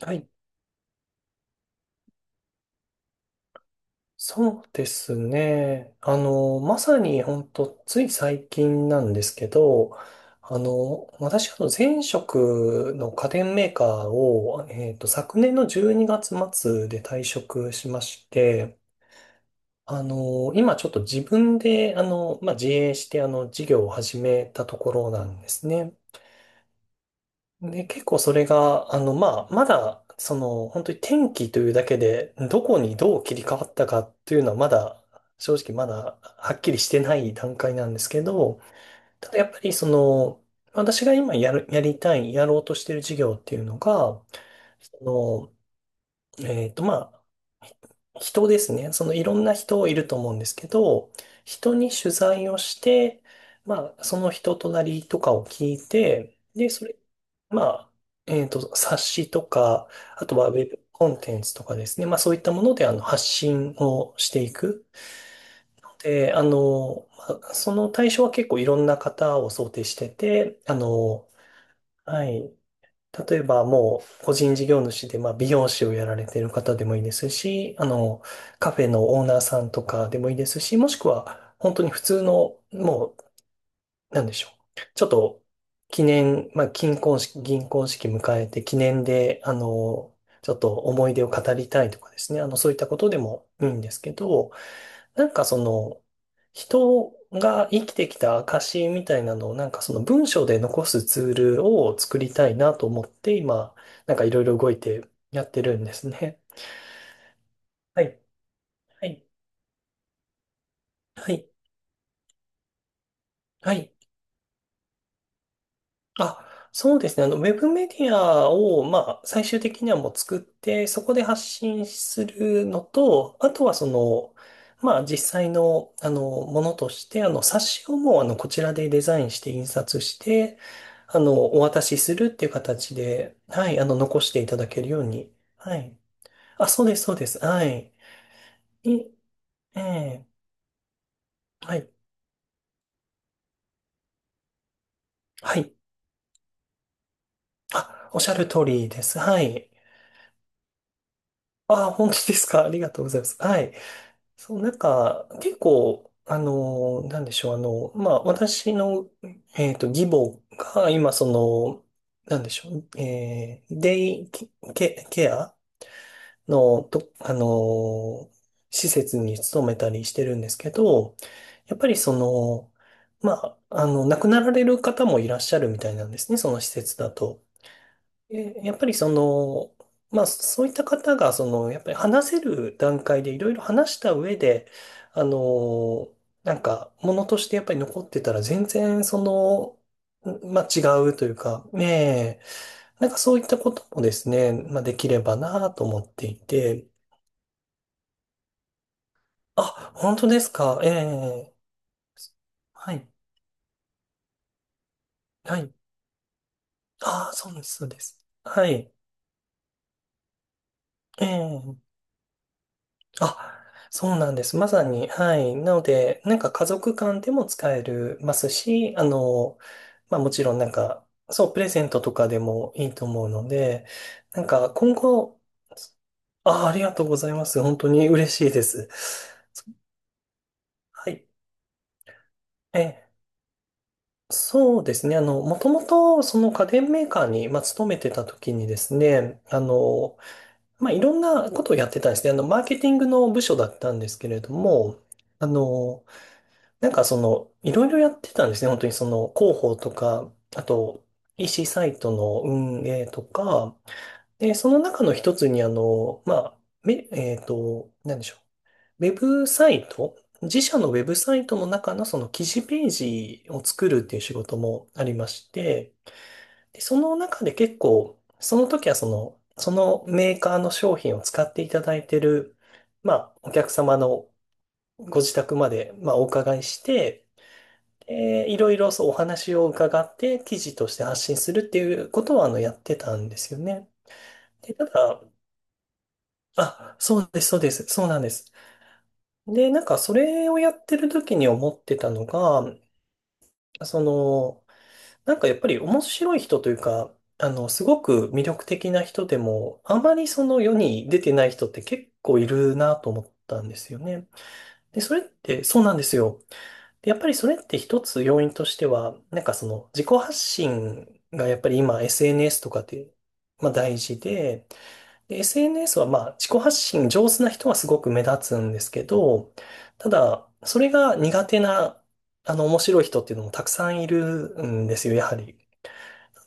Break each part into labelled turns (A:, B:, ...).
A: はい。そうですね。まさに本当つい最近なんですけど、私、前職の家電メーカーを、昨年の12月末で退職しまして、今ちょっと自分で、まあ、自営して、事業を始めたところなんですね。で、結構それが、まあ、まだ、その、本当に天気というだけで、どこにどう切り替わったかっていうのは、正直まだ、はっきりしてない段階なんですけど、ただやっぱり、その、私が今やる、やりたい、やろうとしてる事業っていうのが、その、まあ、人ですね。そのいろんな人いると思うんですけど、人に取材をして、まあ、その人となりとかを聞いて、で、それ、まあ、冊子とか、あとはウェブコンテンツとかですね。まあ、そういったもので、発信をしていく。で、まあその対象は結構いろんな方を想定してて、あの、はい。例えばもう個人事業主でまあ美容師をやられている方でもいいですし、カフェのオーナーさんとかでもいいですし、もしくは本当に普通のもなんでしょう。ちょっと、記念、まあ、金婚式、銀婚式迎えて記念で、ちょっと思い出を語りたいとかですね。そういったことでもいいんですけど、なんかその、人が生きてきた証みたいなのを、なんかその文章で残すツールを作りたいなと思って、今、なんかいろいろ動いてやってるんですね。はい。はい。はい。はい。あ、そうですね。ウェブメディアを、まあ、最終的にはもう作って、そこで発信するのと、あとはその、まあ、実際の、ものとして、冊子をもう、こちらでデザインして印刷して、お渡しするっていう形で、はい、残していただけるように。はい。あ、そうです、そうです。はい。い、ええ、はい、はい。あ、おっしゃる通りです。はい。あ、本当ですか。ありがとうございます。はい。そう、なんか、結構、なんでしょう、まあ、私の、義母が、今、その、なんでしょう、デイケ、ケアの、と、施設に勤めたりしてるんですけど、やっぱりその、まあ、亡くなられる方もいらっしゃるみたいなんですね、その施設だと。え、やっぱりその、まあそういった方が、その、やっぱり話せる段階でいろいろ話した上で、あの、なんか、ものとしてやっぱり残ってたら全然その、んまあ違うというか、ねえ、なんかそういったこともですね、まあできればなと思っていて、あ、本当ですか、ええ、はい、はい、ああ、そうです、そうです。はい、ええ。あ、そうなんです。まさに、はい。なので、なんか家族間でも使えるますし、まあもちろんなんか、そう、プレゼントとかでもいいと思うので、なんか今後、あ、ありがとうございます。本当に嬉しいです。はい。え、そうですね。もともと、その家電メーカーに、まあ、勤めてた時にですね、まあ、いろんなことをやってたんですね。マーケティングの部署だったんですけれども、あの、なんかその、いろいろやってたんですね。本当にその広報とか、あと EC サイトの運営とか、で、その中の一つにあの、まあ、め、えっと、なんでしょう。ウェブサイト、自社のウェブサイトの中のその記事ページを作るっていう仕事もありまして、で、その中で結構、その時はその、そのメーカーの商品を使っていただいてる、まあ、お客様のご自宅まで、まあ、お伺いして、いろいろそうお話を伺って記事として発信するっていうことはあのやってたんですよね。で、ただ、あ、そうです、そうです、そうなんです。で、なんかそれをやってる時に思ってたのが、その、なんかやっぱり面白い人というか、すごく魅力的な人でも、あまりその世に出てない人って結構いるなと思ったんですよね。で、それってそうなんですよ。でやっぱりそれって一つ要因としては、なんかその自己発信がやっぱり今 SNS とかで、まあ大事で、で、SNS はまあ自己発信上手な人はすごく目立つんですけど、ただ、それが苦手な、あの面白い人っていうのもたくさんいるんですよ、やはり。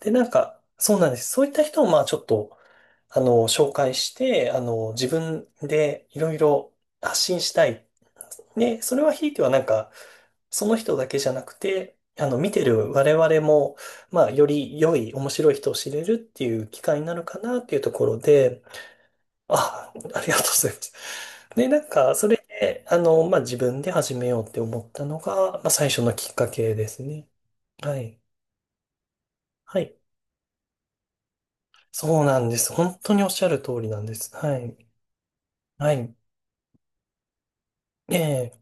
A: で、なんか、そうなんです。そういった人を、まあ、ちょっと、紹介して、自分でいろいろ発信したい。で、それはひいてはなんか、その人だけじゃなくて、見てる我々も、まあ、より良い、面白い人を知れるっていう機会になるかなっていうところで、あ、ありがとうございます。で、なんか、それで、まあ、自分で始めようって思ったのが、まあ、最初のきっかけですね。はい。はい。そうなんです。本当におっしゃる通りなんです。はい。はい。ええ。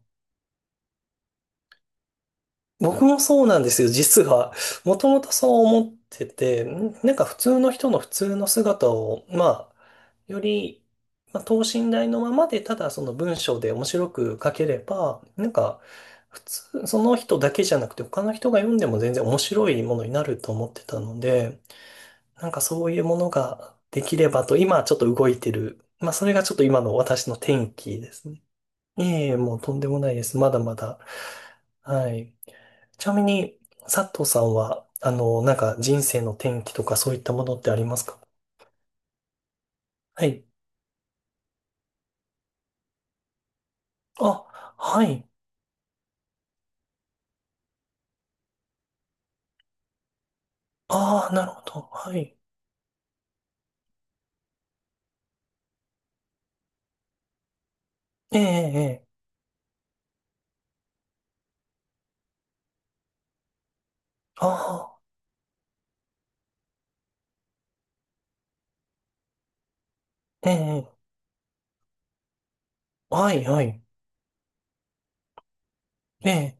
A: 僕もそうなんですよ、実は。もともとそう思ってて、んなんか普通の人の普通の姿を、まあ、より、まあ、等身大のままで、ただその文章で面白く書ければ、なんか、普通、その人だけじゃなくて他の人が読んでも全然面白いものになると思ってたので、なんかそういうものができればと、今ちょっと動いてる。まあそれがちょっと今の私の転機ですね。ええ、もうとんでもないです。まだまだ。はい。ちなみに、佐藤さんは、なんか人生の転機とかそういったものってありますか？はい。あ、はい。ああ、なるほど。はい。ええ、ええ。ああ、ええ。はい、はい。ええ。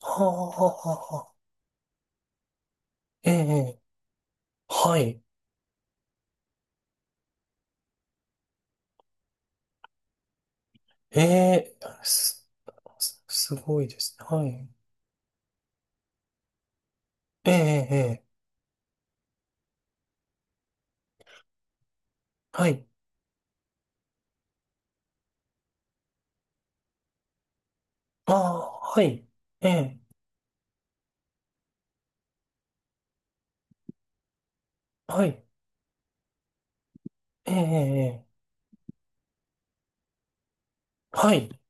A: はあ、はあ、はあ。あええ、はい。ええ、す、すごいですね。はい。ええ、ええ。はい。ああ、はい。ええ、はい。ええ、ええ。はい。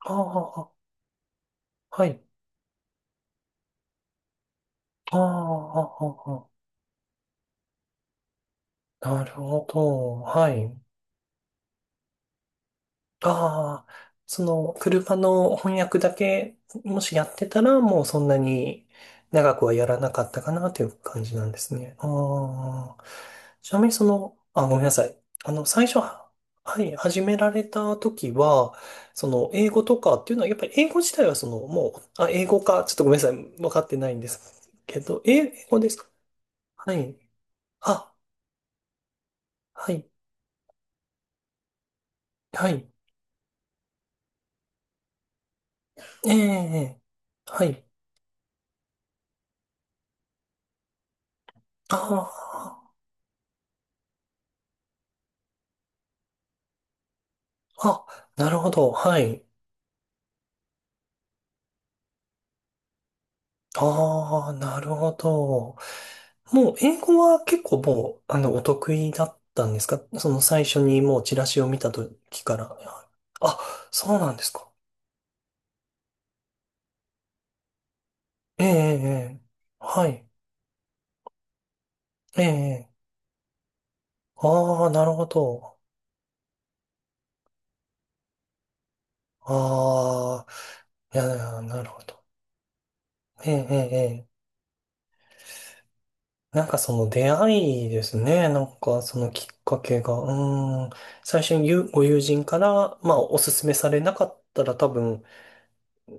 A: ああ、はい。ああ、あああなるほど。はい。ああ、その、車の翻訳だけ、もしやってたら、もうそんなに長くはやらなかったかなという感じなんですね。ああ、ちなみにその、あ、ごめんなさい。最初、ははい、始められた時は、その、英語とかっていうのは、やっぱり英語自体はその、もう、あ、英語か、ちょっとごめんなさい。分かってないんですけど、え英語ですか？はい。あ、はい。はい。ええ、ええはい。ああ、あ、なるほど。はい。ああ、なるほど。もう、英語は結構もう、お得意だったんですか？その最初にもうチラシを見た時から。あ、そうなんですか。ええ、ええ、ええはい。ええ、ええああ、なるほど。ああ、いや、なるほど。ええ、ええ、えなんかその出会いですね。なんかそのきっかけが。うーん。最初にゆご友人から、まあおすすめされなかったら多分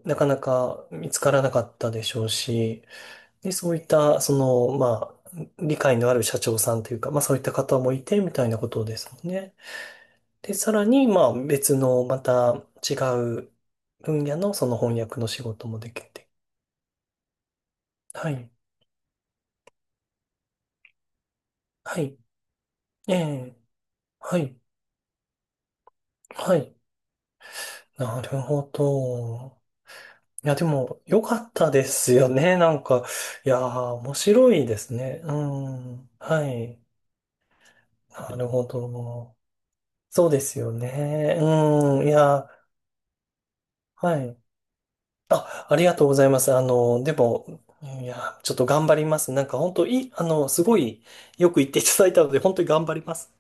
A: なかなか見つからなかったでしょうし、で、そういったその、まあ理解のある社長さんというか、まあそういった方もいてみたいなことですもんね。で、さらにまあ別のまた違う分野のその翻訳の仕事もできて。はい。はい。ええ。はい。はい。なるほど。いや、でも、良かったですよね。なんか、いやー、面白いですね。うん。はい。なるほど。そうですよね。うん。いや、はい。あ、ありがとうございます。でも、いや、ちょっと頑張ります。なんか、本当いい、すごい、よく言っていただいたので、本当に頑張ります。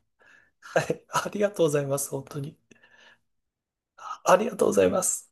A: はい。ありがとうございます。本当に。あありがとうございます。